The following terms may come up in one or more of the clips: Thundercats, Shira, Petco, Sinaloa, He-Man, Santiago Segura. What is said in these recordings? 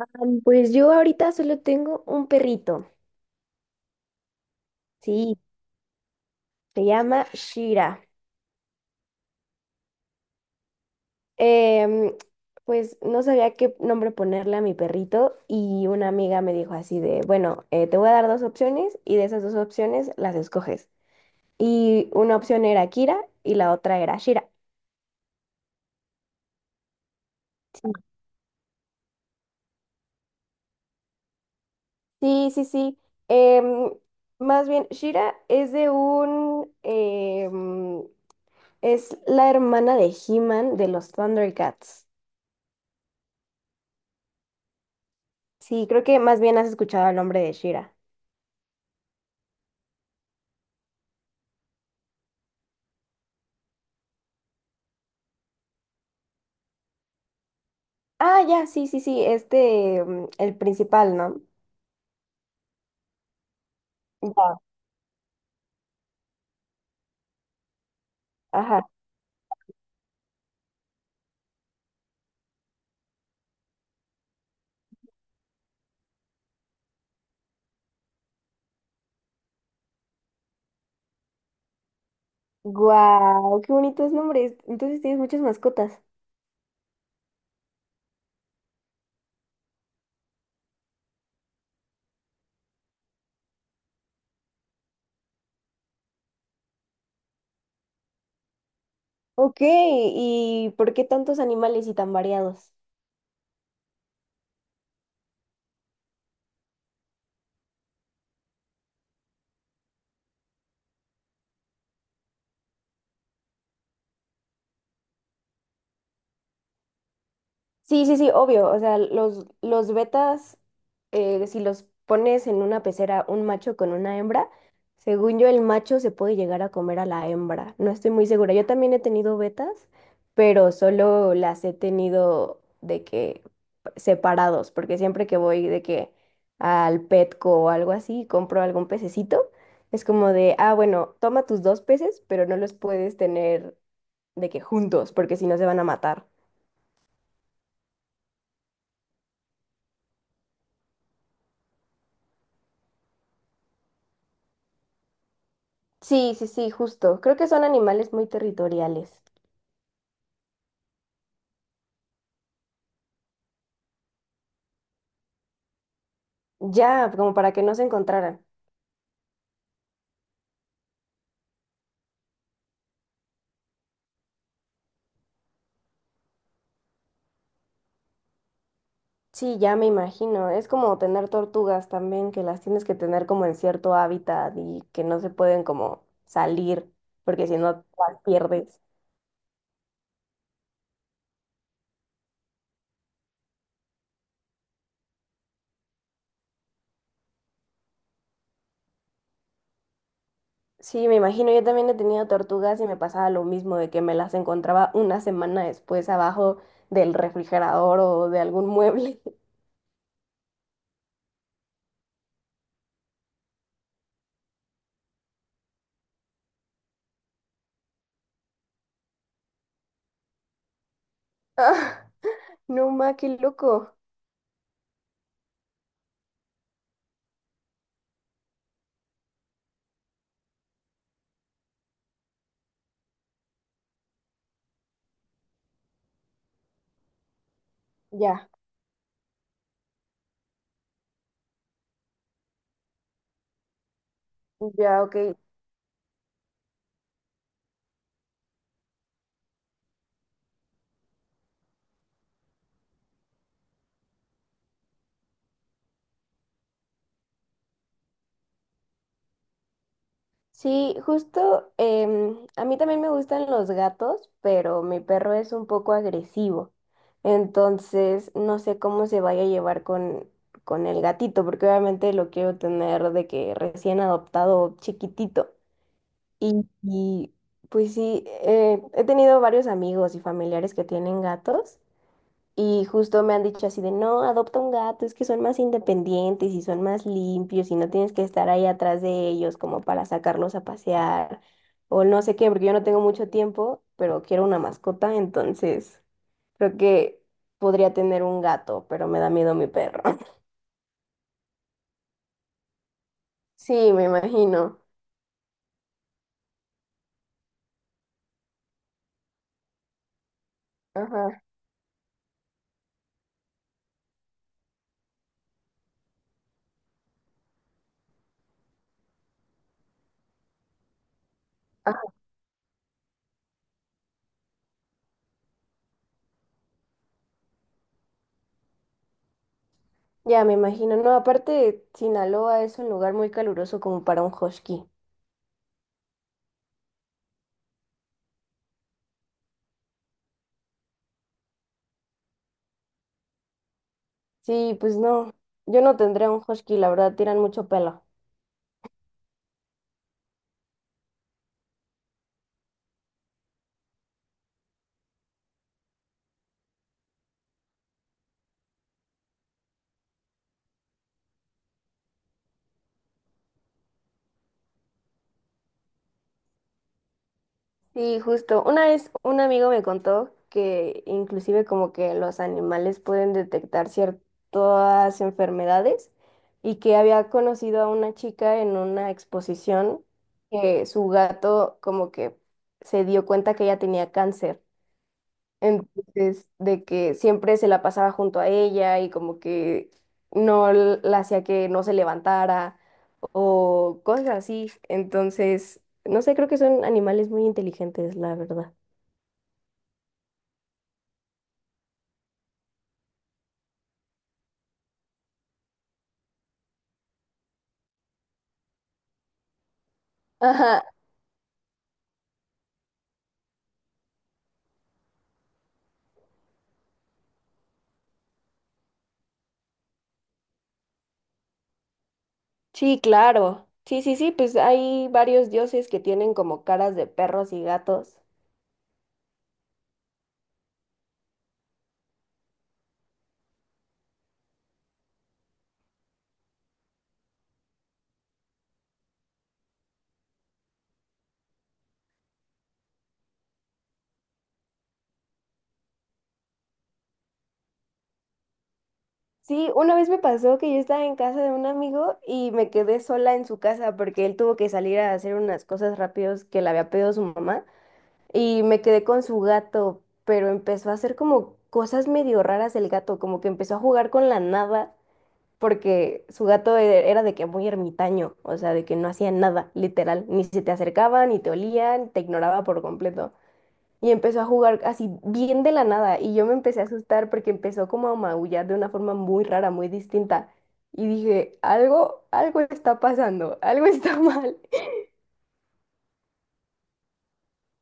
Pues yo ahorita solo tengo un perrito, sí, se llama Shira. Em, pues no sabía qué nombre ponerle a mi perrito y una amiga me dijo así de, bueno, te voy a dar dos opciones y de esas dos opciones las escoges. Y una opción era Kira y la otra era Shira. Sí, sí, sí. Em, Más bien, Shira es de un, es la hermana de He-Man de los Thundercats. Sí, creo que más bien has escuchado el nombre de Shira. Ah, ya, sí, sí, sí, este, mm, el principal, ¿no? Ya, ajá. Guau, qué bonitos nombres. Entonces tienes muchas mascotas. Ok, ¿y por qué tantos animales y tan variados? Sí, sí, sí, obvio. O sea, los betas, si los pones en una pecera un macho con una hembra, según yo el macho se puede llegar a comer a la hembra. No estoy muy segura. Yo también he tenido betas, pero solo las he tenido de que separados, porque siempre que voy de que al Petco o algo así, compro algún pececito, es como de, ah, bueno, toma tus dos peces, pero no los puedes tener de que juntos, porque si no se van a matar. Sí, sí, sí, justo. Creo que son animales muy territoriales. Ya, como para que no se encontraran. Sí, ya me imagino. Es como tener tortugas también, que las tienes que tener como en cierto hábitat y que no se pueden como salir, porque si no las pierdes. Sí, me imagino. Yo también he tenido tortugas y me pasaba lo mismo, de que me las encontraba una semana después abajo del refrigerador o de algún mueble. Ah, no, ma, qué loco. Ya, ya, ok. Sí, justo, a mí también me gustan los gatos, pero mi perro es un poco agresivo. Entonces, no sé cómo se vaya a llevar con el gatito, porque obviamente lo quiero tener de que recién adoptado, chiquitito. Y, pues sí, he tenido varios amigos y familiares que tienen gatos y justo me han dicho así de, no, adopta un gato, es que son más independientes y son más limpios y no tienes que estar ahí atrás de ellos como para sacarlos a pasear o no sé qué, porque yo no tengo mucho tiempo, pero quiero una mascota, entonces creo que podría tener un gato, pero me da miedo mi perro. Sí, me imagino. Ajá. Ajá. Ya, me imagino. No, aparte, Sinaloa es un lugar muy caluroso como para un husky. Sí, pues no, yo no tendría un husky, la verdad, tiran mucho pelo. Sí, justo. Una vez un amigo me contó que inclusive como que los animales pueden detectar ciertas enfermedades y que había conocido a una chica en una exposición que su gato como que se dio cuenta que ella tenía cáncer. Entonces, de que siempre se la pasaba junto a ella y como que no l- la hacía que no se levantara o cosas así. Entonces, no sé, creo que son animales muy inteligentes, la verdad. Ajá, sí, claro. Sí, sí, sí, pues hay varios dioses que tienen como caras de perros y gatos. Sí, una vez me pasó que yo estaba en casa de un amigo y me quedé sola en su casa porque él tuvo que salir a hacer unas cosas rápidos que le había pedido su mamá y me quedé con su gato, pero empezó a hacer como cosas medio raras el gato, como que empezó a jugar con la nada porque era de que muy ermitaño, o sea, de que no hacía nada, literal, ni se te acercaba, ni te olía, te ignoraba por completo. Y empezó a jugar así bien de la nada y yo me empecé a asustar porque empezó como a maullar de una forma muy rara, muy distinta. Y dije, algo, algo está pasando, algo está mal.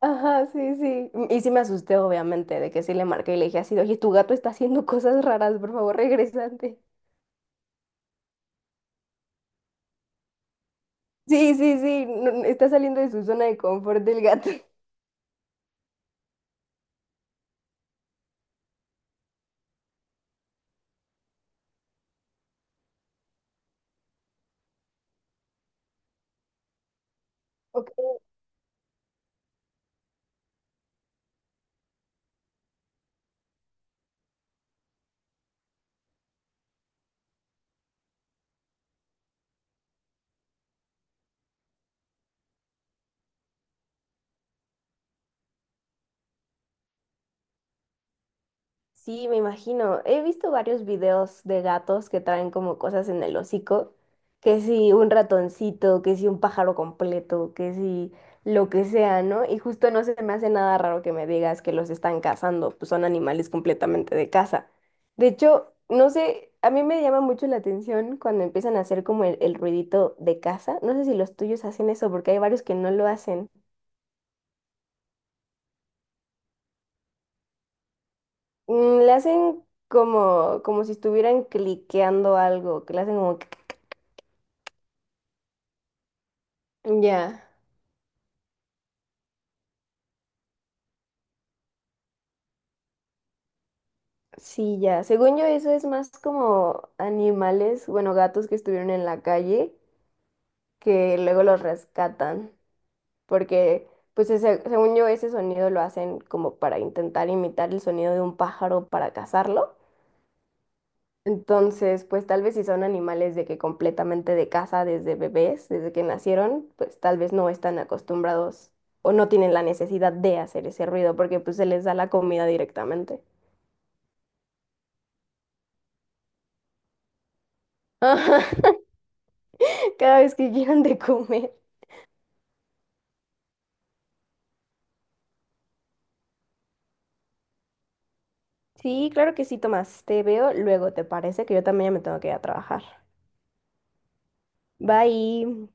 Ajá, sí, sí. Y sí me asusté, obviamente, de que sí le marqué y le dije así, de, oye, tu gato está haciendo cosas raras, por favor, regresante. Sí, sí, sí, no, está saliendo de su zona de confort del gato. Ok, sí, me imagino. He visto varios videos de gatos que traen como cosas en el hocico, que si un ratoncito, que si un pájaro completo, que si lo que sea, ¿no? Y justo no se me hace nada raro que me digas que los están cazando, pues son animales completamente de caza. De hecho, no sé, a mí me llama mucho la atención cuando empiezan a hacer como el ruidito de caza. No sé si los tuyos hacen eso, porque hay varios que no lo hacen. Mm, le hacen como, como si estuvieran cliqueando algo, que le hacen como... Ya, sí, ya. Según yo, eso es más como animales, bueno, gatos que estuvieron en la calle, que luego los rescatan, porque, pues, según yo, ese sonido lo hacen como para intentar imitar el sonido de un pájaro para cazarlo. Entonces, pues tal vez si son animales de que completamente de casa desde bebés, desde que nacieron, pues tal vez no están acostumbrados o no tienen la necesidad de hacer ese ruido porque pues se les da la comida directamente. Cada vez que quieran de comer. Sí, claro que sí, Tomás. Te veo luego, ¿te parece? Que yo también ya me tengo que ir a trabajar. Bye.